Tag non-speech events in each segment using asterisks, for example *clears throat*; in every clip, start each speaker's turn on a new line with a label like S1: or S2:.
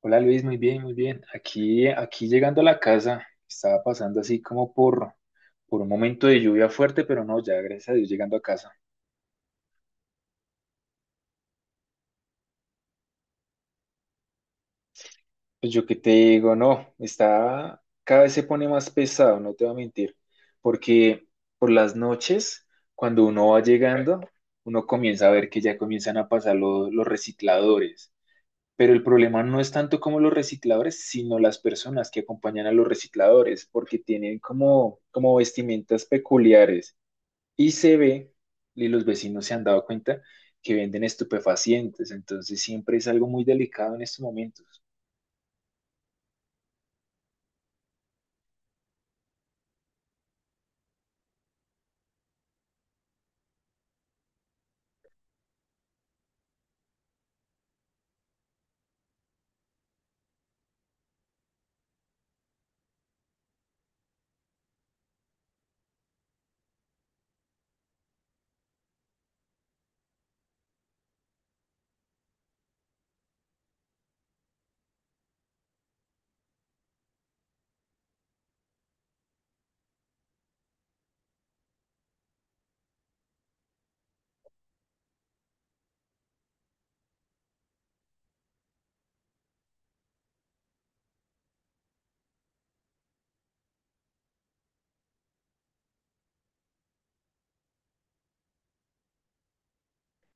S1: Hola Luis, muy bien, muy bien. Aquí llegando a la casa, estaba pasando así como por un momento de lluvia fuerte, pero no, ya gracias a Dios llegando a casa. Pues yo qué te digo, no, está, cada vez se pone más pesado, no te voy a mentir, porque por las noches, cuando uno va llegando, uno comienza a ver que ya comienzan a pasar los recicladores. Pero el problema no es tanto como los recicladores, sino las personas que acompañan a los recicladores, porque tienen como vestimentas peculiares. Y se ve, y los vecinos se han dado cuenta, que venden estupefacientes. Entonces siempre es algo muy delicado en estos momentos.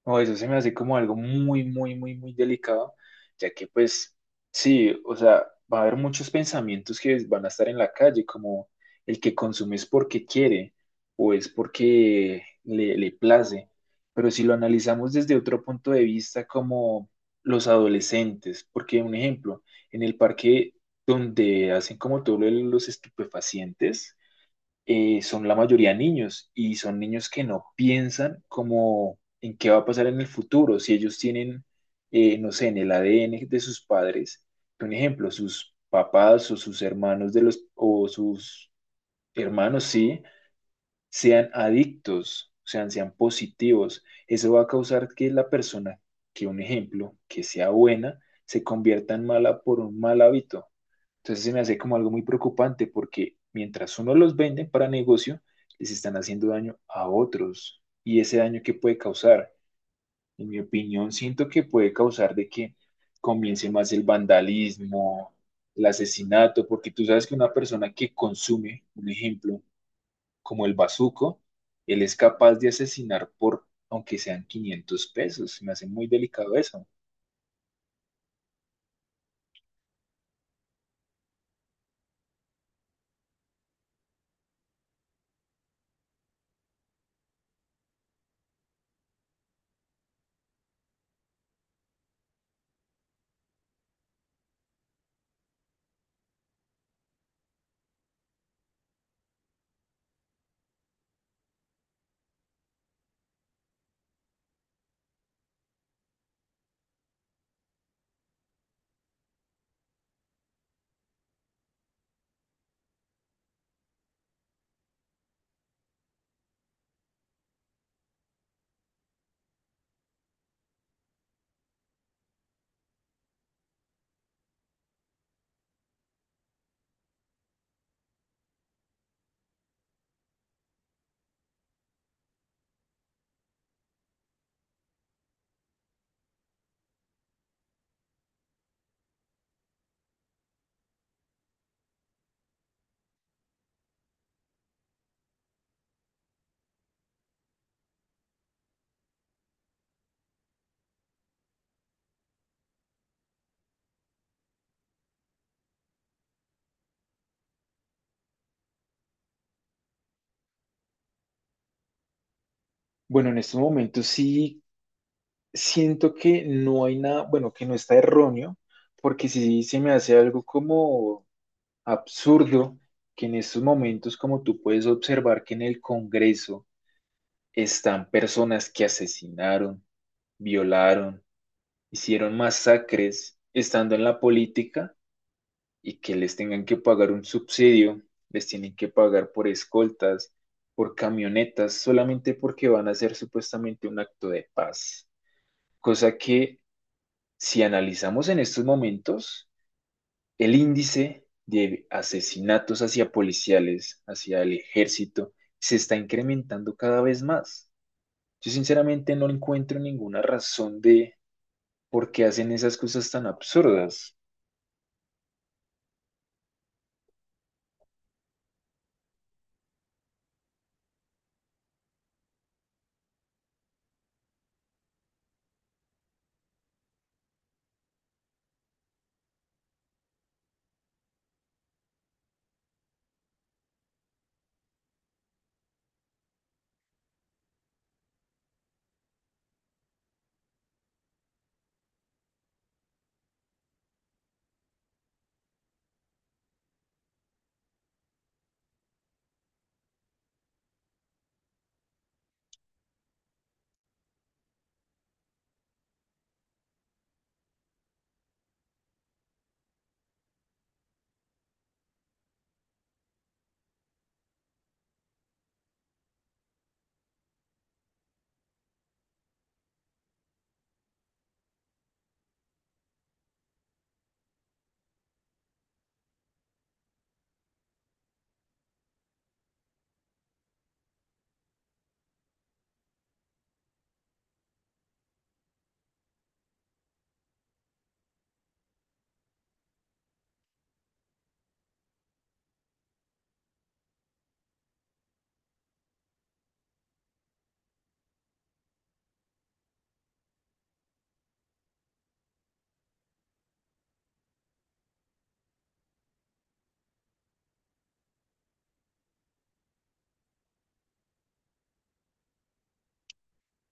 S1: O eso se me hace como algo muy, muy, muy, muy delicado, ya que pues sí, o sea, va a haber muchos pensamientos que van a estar en la calle, como el que consume es porque quiere o es porque le place, pero si lo analizamos desde otro punto de vista, como los adolescentes, porque un ejemplo, en el parque donde hacen como todo lo de los estupefacientes, son la mayoría niños y son niños que no piensan como en qué va a pasar en el futuro. Si ellos tienen, no sé, en el ADN de sus padres, un ejemplo, sus papás o sus hermanos o sus hermanos, sí, sean adictos, sean positivos. Eso va a causar que la persona, que un ejemplo, que sea buena, se convierta en mala por un mal hábito. Entonces se me hace como algo muy preocupante porque mientras uno los vende para negocio, les están haciendo daño a otros. Y ese daño que puede causar, en mi opinión, siento que puede causar de que comience más el vandalismo, el asesinato, porque tú sabes que una persona que consume, un ejemplo, como el bazuco, él es capaz de asesinar por, aunque sean 500 pesos. Se me hace muy delicado eso. Bueno, en estos momentos sí siento que no hay nada, bueno, que no está erróneo, porque si se me hace algo como absurdo que en estos momentos, como tú puedes observar que en el Congreso están personas que asesinaron, violaron, hicieron masacres estando en la política y que les tengan que pagar un subsidio, les tienen que pagar por escoltas, por camionetas, solamente porque van a hacer supuestamente un acto de paz, cosa que... Si analizamos en estos momentos el índice de asesinatos hacia policiales, hacia el ejército, se está incrementando cada vez más. Yo sinceramente no encuentro ninguna razón de por qué hacen esas cosas tan absurdas.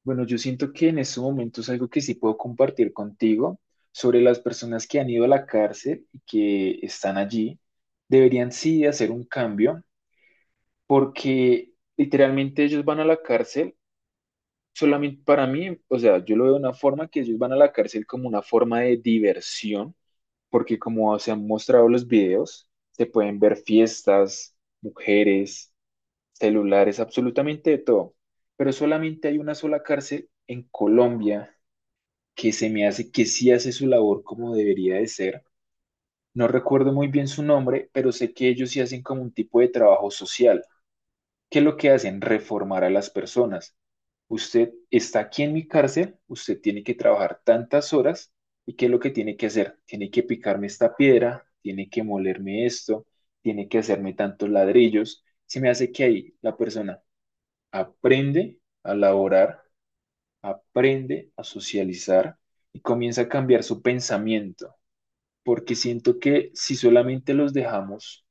S1: Bueno, yo siento que en estos momentos algo que sí puedo compartir contigo sobre las personas que han ido a la cárcel y que están allí, deberían sí hacer un cambio porque literalmente ellos van a la cárcel solamente para mí, o sea, yo lo veo de una forma que ellos van a la cárcel como una forma de diversión, porque como se han mostrado los videos, se pueden ver fiestas, mujeres, celulares, absolutamente de todo. Pero solamente hay una sola cárcel en Colombia que se me hace que sí hace su labor como debería de ser. No recuerdo muy bien su nombre, pero sé que ellos sí hacen como un tipo de trabajo social. ¿Qué es lo que hacen? Reformar a las personas. Usted está aquí en mi cárcel, usted tiene que trabajar tantas horas y ¿qué es lo que tiene que hacer? Tiene que picarme esta piedra, tiene que molerme esto, tiene que hacerme tantos ladrillos. Se me hace que ahí la persona aprende a laborar, aprende a socializar y comienza a cambiar su pensamiento, porque siento que si solamente los dejamos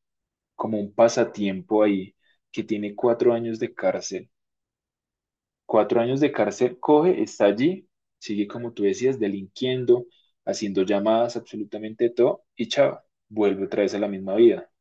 S1: como un pasatiempo ahí, que tiene 4 años de cárcel, 4 años de cárcel coge, está allí, sigue como tú decías, delinquiendo, haciendo llamadas, absolutamente todo, y chao, vuelve otra vez a la misma vida.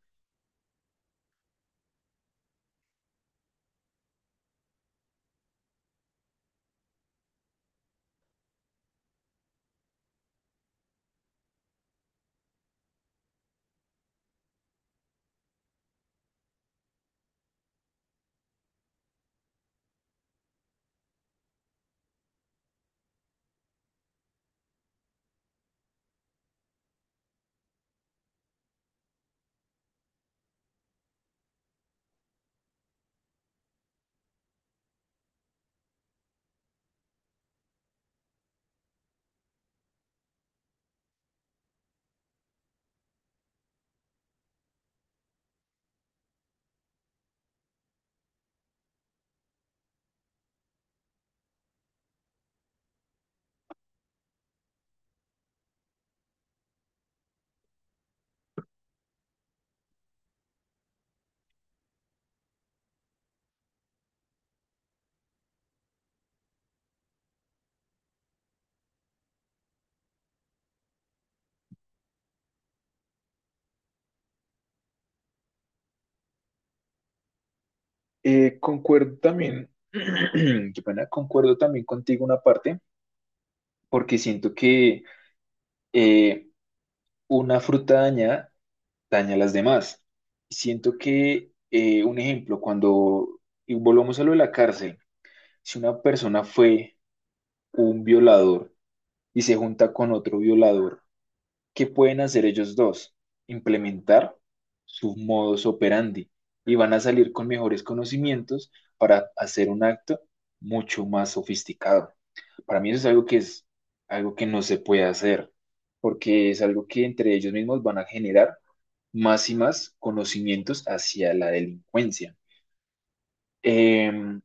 S1: Concuerdo también, *clears throat* qué pena, concuerdo también contigo una parte, porque siento que eh, una fruta dañada daña a las demás. Siento que, un ejemplo, cuando, y volvamos a lo de la cárcel, si una persona fue un violador y se junta con otro violador, ¿qué pueden hacer ellos dos? Implementar su modus operandi y van a salir con mejores conocimientos para hacer un acto mucho más sofisticado. Para mí eso es algo que no se puede hacer, porque es algo que entre ellos mismos van a generar más y más conocimientos hacia la delincuencia. Em,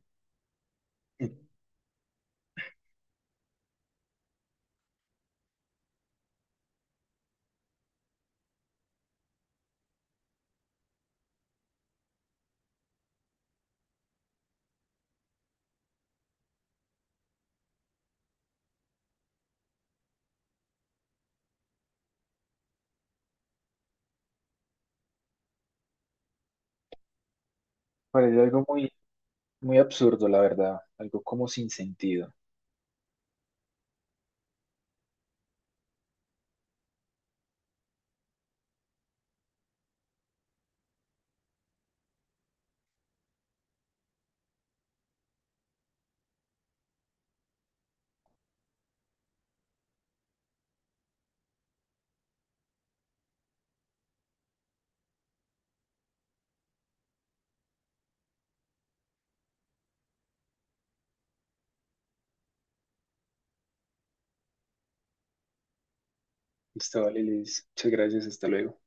S1: parece algo muy, muy absurdo, la verdad, algo como sin sentido. Listo, vale, Liz. Muchas gracias, hasta luego.